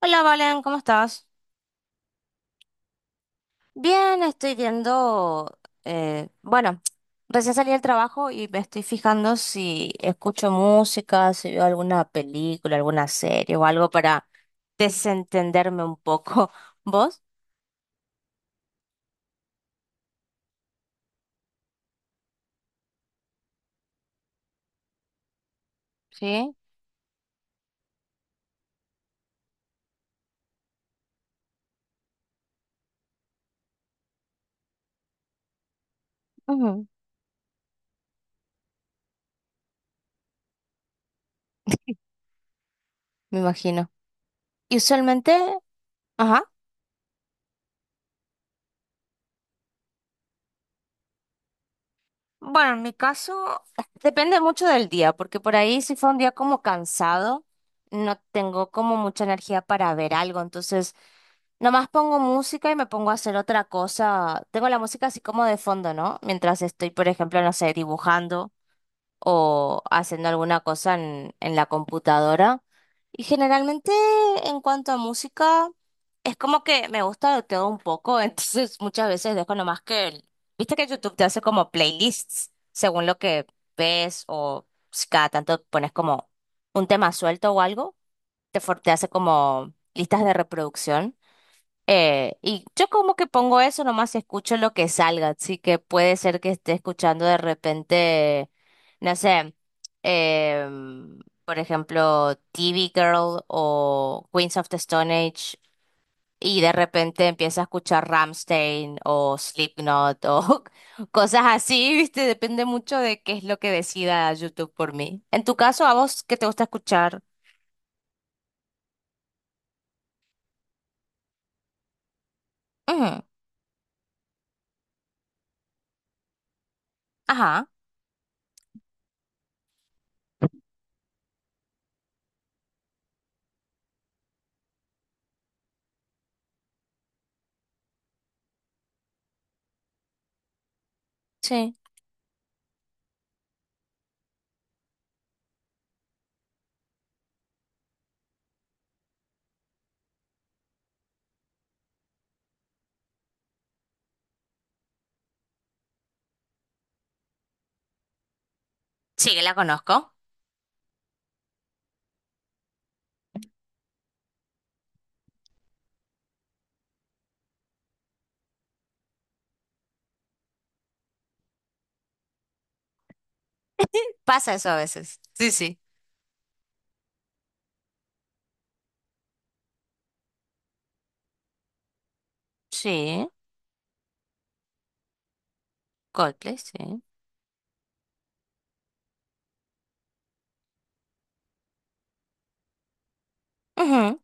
Hola Valen, ¿cómo estás? Bien, estoy viendo, bueno, recién salí del trabajo y me estoy fijando si escucho música, si veo alguna película, alguna serie o algo para desentenderme un poco. ¿Vos? Sí, ujú, me imagino. Y usualmente, ajá. Bueno, en mi caso depende mucho del día, porque por ahí si fue un día como cansado, no tengo como mucha energía para ver algo, entonces nomás pongo música y me pongo a hacer otra cosa. Tengo la música así como de fondo, ¿no? Mientras estoy, por ejemplo, no sé, dibujando o haciendo alguna cosa en la computadora. Y generalmente en cuanto a música, es como que me gusta de todo un poco, entonces muchas veces dejo nomás que, viste que YouTube te hace como playlists según lo que ves o si cada tanto pones como un tema suelto o algo, te hace como listas de reproducción. Y yo como que pongo eso, nomás escucho lo que salga, así que puede ser que esté escuchando de repente, no sé, em, por ejemplo, TV Girl o Queens of the Stone Age, y de repente empieza a escuchar Rammstein o Slipknot o cosas así, ¿viste? Depende mucho de qué es lo que decida YouTube por mí. En tu caso, ¿a vos qué te gusta escuchar? Ujú, ajá, sí. Sí, que la conozco. Pasa eso a veces. Sí, sí. Sí, Coldplay, sí. Ujú,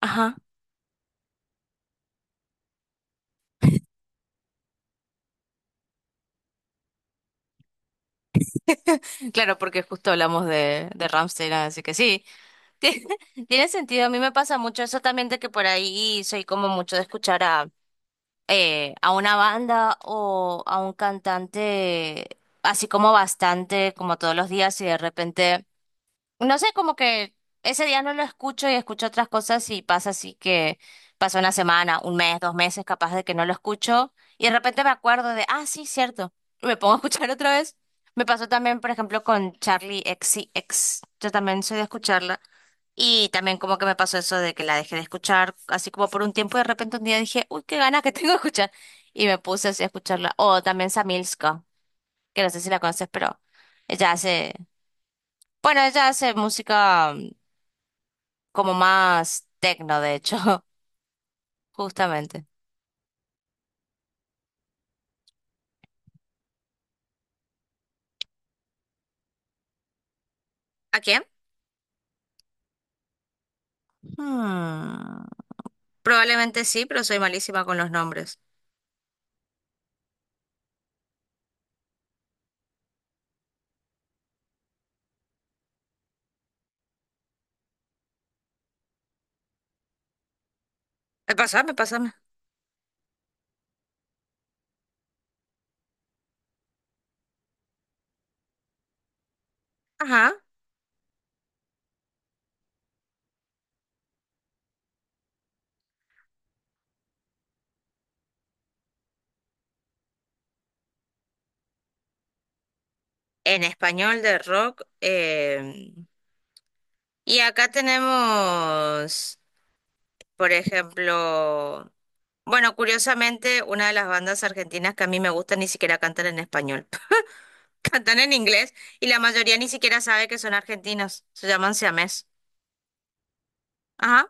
ajá. Claro, porque justo hablamos de Rammstein, así que sí. Tiene, tiene sentido. A mí me pasa mucho eso también de que por ahí soy como mucho de escuchar a una banda o a un cantante así como bastante, como todos los días, y de repente. No sé, como que ese día no lo escucho y escucho otras cosas y pasa así que pasa una semana, un mes, dos meses capaz de que no lo escucho y de repente me acuerdo de, ah, sí, cierto, y me pongo a escuchar otra vez. Me pasó también, por ejemplo, con Charlie XCX, yo también soy de escucharla y también como que me pasó eso de que la dejé de escuchar así como por un tiempo y de repente un día dije, uy, qué ganas que tengo de escuchar y me puse así a escucharla. O también Samilska, que no sé si la conoces, pero ella hace, bueno, ella hace música como más tecno, de hecho, justamente. ¿A quién? Hmm, Probablemente sí, pero soy malísima con los nombres. Pásame, pásame. Ajá. En español de rock. Y acá tenemos, por ejemplo, bueno, curiosamente, una de las bandas argentinas que a mí me gusta ni siquiera cantan en español. Cantan en inglés y la mayoría ni siquiera sabe que son argentinos. Se llaman siamés. Ajá.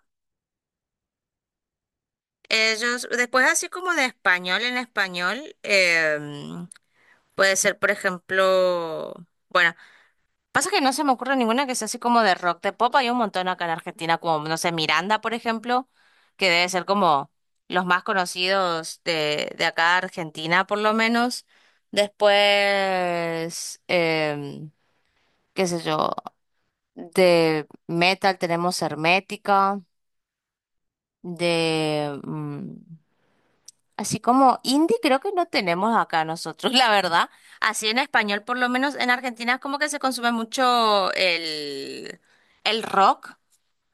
Ellos, después así como de español en español, puede ser, por ejemplo, bueno, pasa que no se me ocurre ninguna que sea así como de rock, de pop, hay un montón acá en Argentina, como, no sé, Miranda, por ejemplo, que debe ser como los más conocidos de acá Argentina, por lo menos. Después, qué sé yo, de metal tenemos Hermética, de así como indie creo que no tenemos acá nosotros, la verdad. Así en español, por lo menos en Argentina es como que se consume mucho el rock.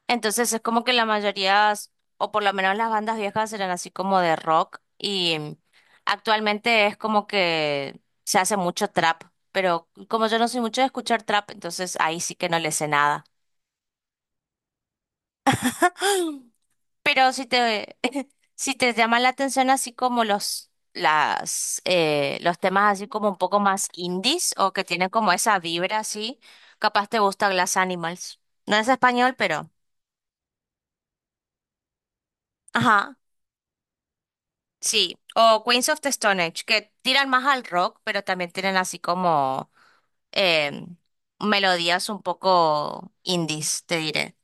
Entonces es como que la mayoría, o por lo menos las bandas viejas eran así como de rock. Y actualmente es como que se hace mucho trap. Pero como yo no soy mucho de escuchar trap, entonces ahí sí que no le sé nada. Pero si te, si te llama la atención así como los, las, los temas así como un poco más indies o que tienen como esa vibra así, capaz te gusta Glass Animals. No es español, pero... ajá, sí. O Queens of the Stone Age, que tiran más al rock, pero también tienen así como eh, melodías un poco indies, te diré.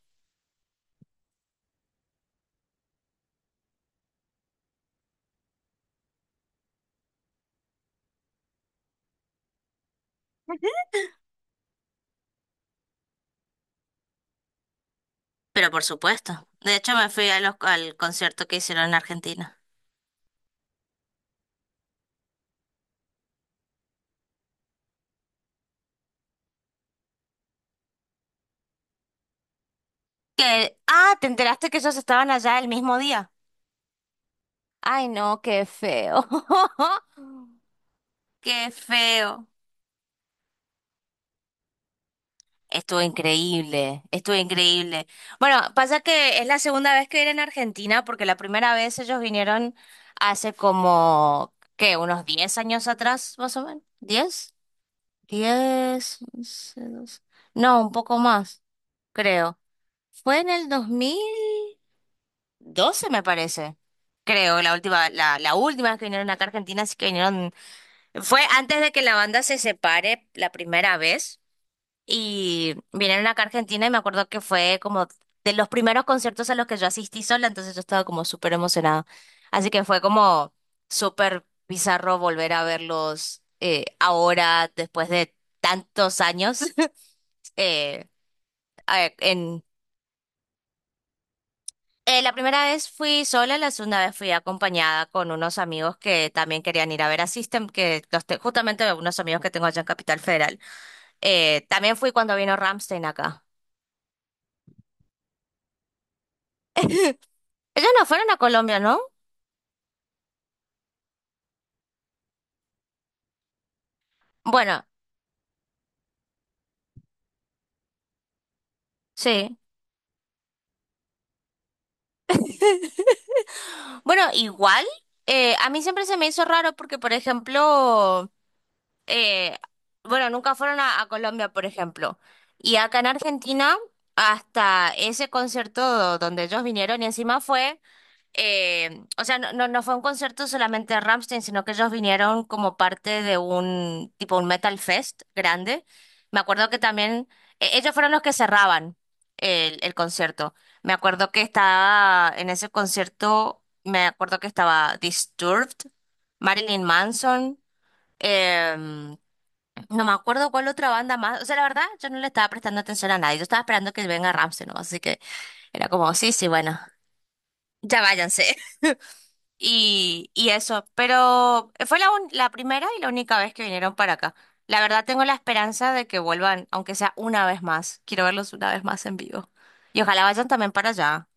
Pero por supuesto. De hecho, me fui a al concierto que hicieron en Argentina. Que, ah, ¿te enteraste que ellos estaban allá el mismo día? Ay, no, qué feo. Qué feo. Estuvo increíble, estuvo increíble. Bueno, pasa que es la segunda vez que vienen a Argentina, porque la primera vez ellos vinieron hace como, ¿qué? Unos 10 años atrás, más o menos. 10, 10, 11, 12. No, un poco más, creo. Fue en el 2012 me parece. Creo, la última, la última vez que vinieron acá a Argentina, así que vinieron, fue antes de que la banda se separe la primera vez, y vinieron acá a Argentina y me acuerdo que fue como de los primeros conciertos a los que yo asistí sola, entonces yo estaba como súper emocionada. Así que fue como súper bizarro volver a verlos ahora, después de tantos años, eh, a- en la primera vez fui sola, la segunda vez fui acompañada con unos amigos que también querían ir a ver a System, que los justamente unos amigos que tengo allá en Capital Federal. También fui cuando vino Ramstein acá. Ellos no fueron a Colombia, ¿no? Bueno, sí. Bueno, igual, a mí siempre se me hizo raro porque, por ejemplo, eh, bueno, nunca fueron a Colombia, por ejemplo. Y acá en Argentina, hasta ese concierto donde ellos vinieron y encima fue o sea, no, no, no fue un concierto solamente de Rammstein, sino que ellos vinieron como parte de un tipo un Metal Fest grande. Me acuerdo que también ellos fueron los que cerraban el concierto. Me acuerdo que estaba en ese concierto, me acuerdo que estaba Disturbed, Marilyn Manson, em, no me acuerdo cuál otra banda más. O sea, la verdad, yo no le estaba prestando atención a nadie. Yo estaba esperando que venga Rammstein, ¿no? Así que era como, sí, sí, bueno, ya váyanse. Y eso, pero fue la primera y la única vez que vinieron para acá. La verdad tengo la esperanza de que vuelvan, aunque sea una vez más. Quiero verlos una vez más en vivo. Y ojalá vayan también para allá.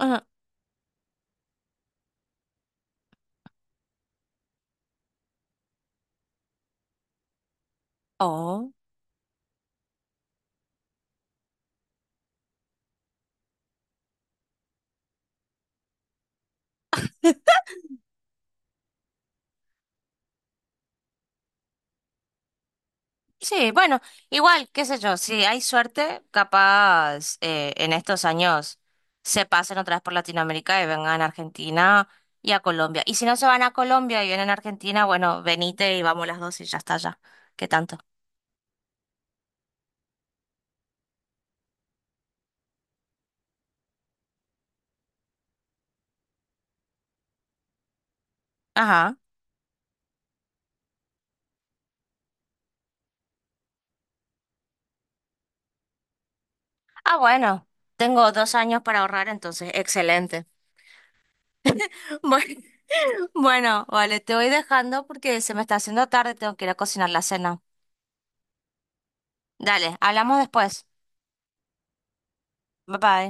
Ujú. Oh, sí, bueno, igual, qué sé yo, si hay suerte, capaz en estos años se pasen otra vez por Latinoamérica y vengan a Argentina y a Colombia. Y si no se van a Colombia y vienen a Argentina, bueno, venite y vamos las dos y ya está ya. ¿Qué tanto? Ajá. Ah, bueno, tengo 2 años para ahorrar, entonces, excelente. Bueno, bueno, vale, te voy dejando porque se me está haciendo tarde, tengo que ir a cocinar la cena. Dale, hablamos después. Bye bye.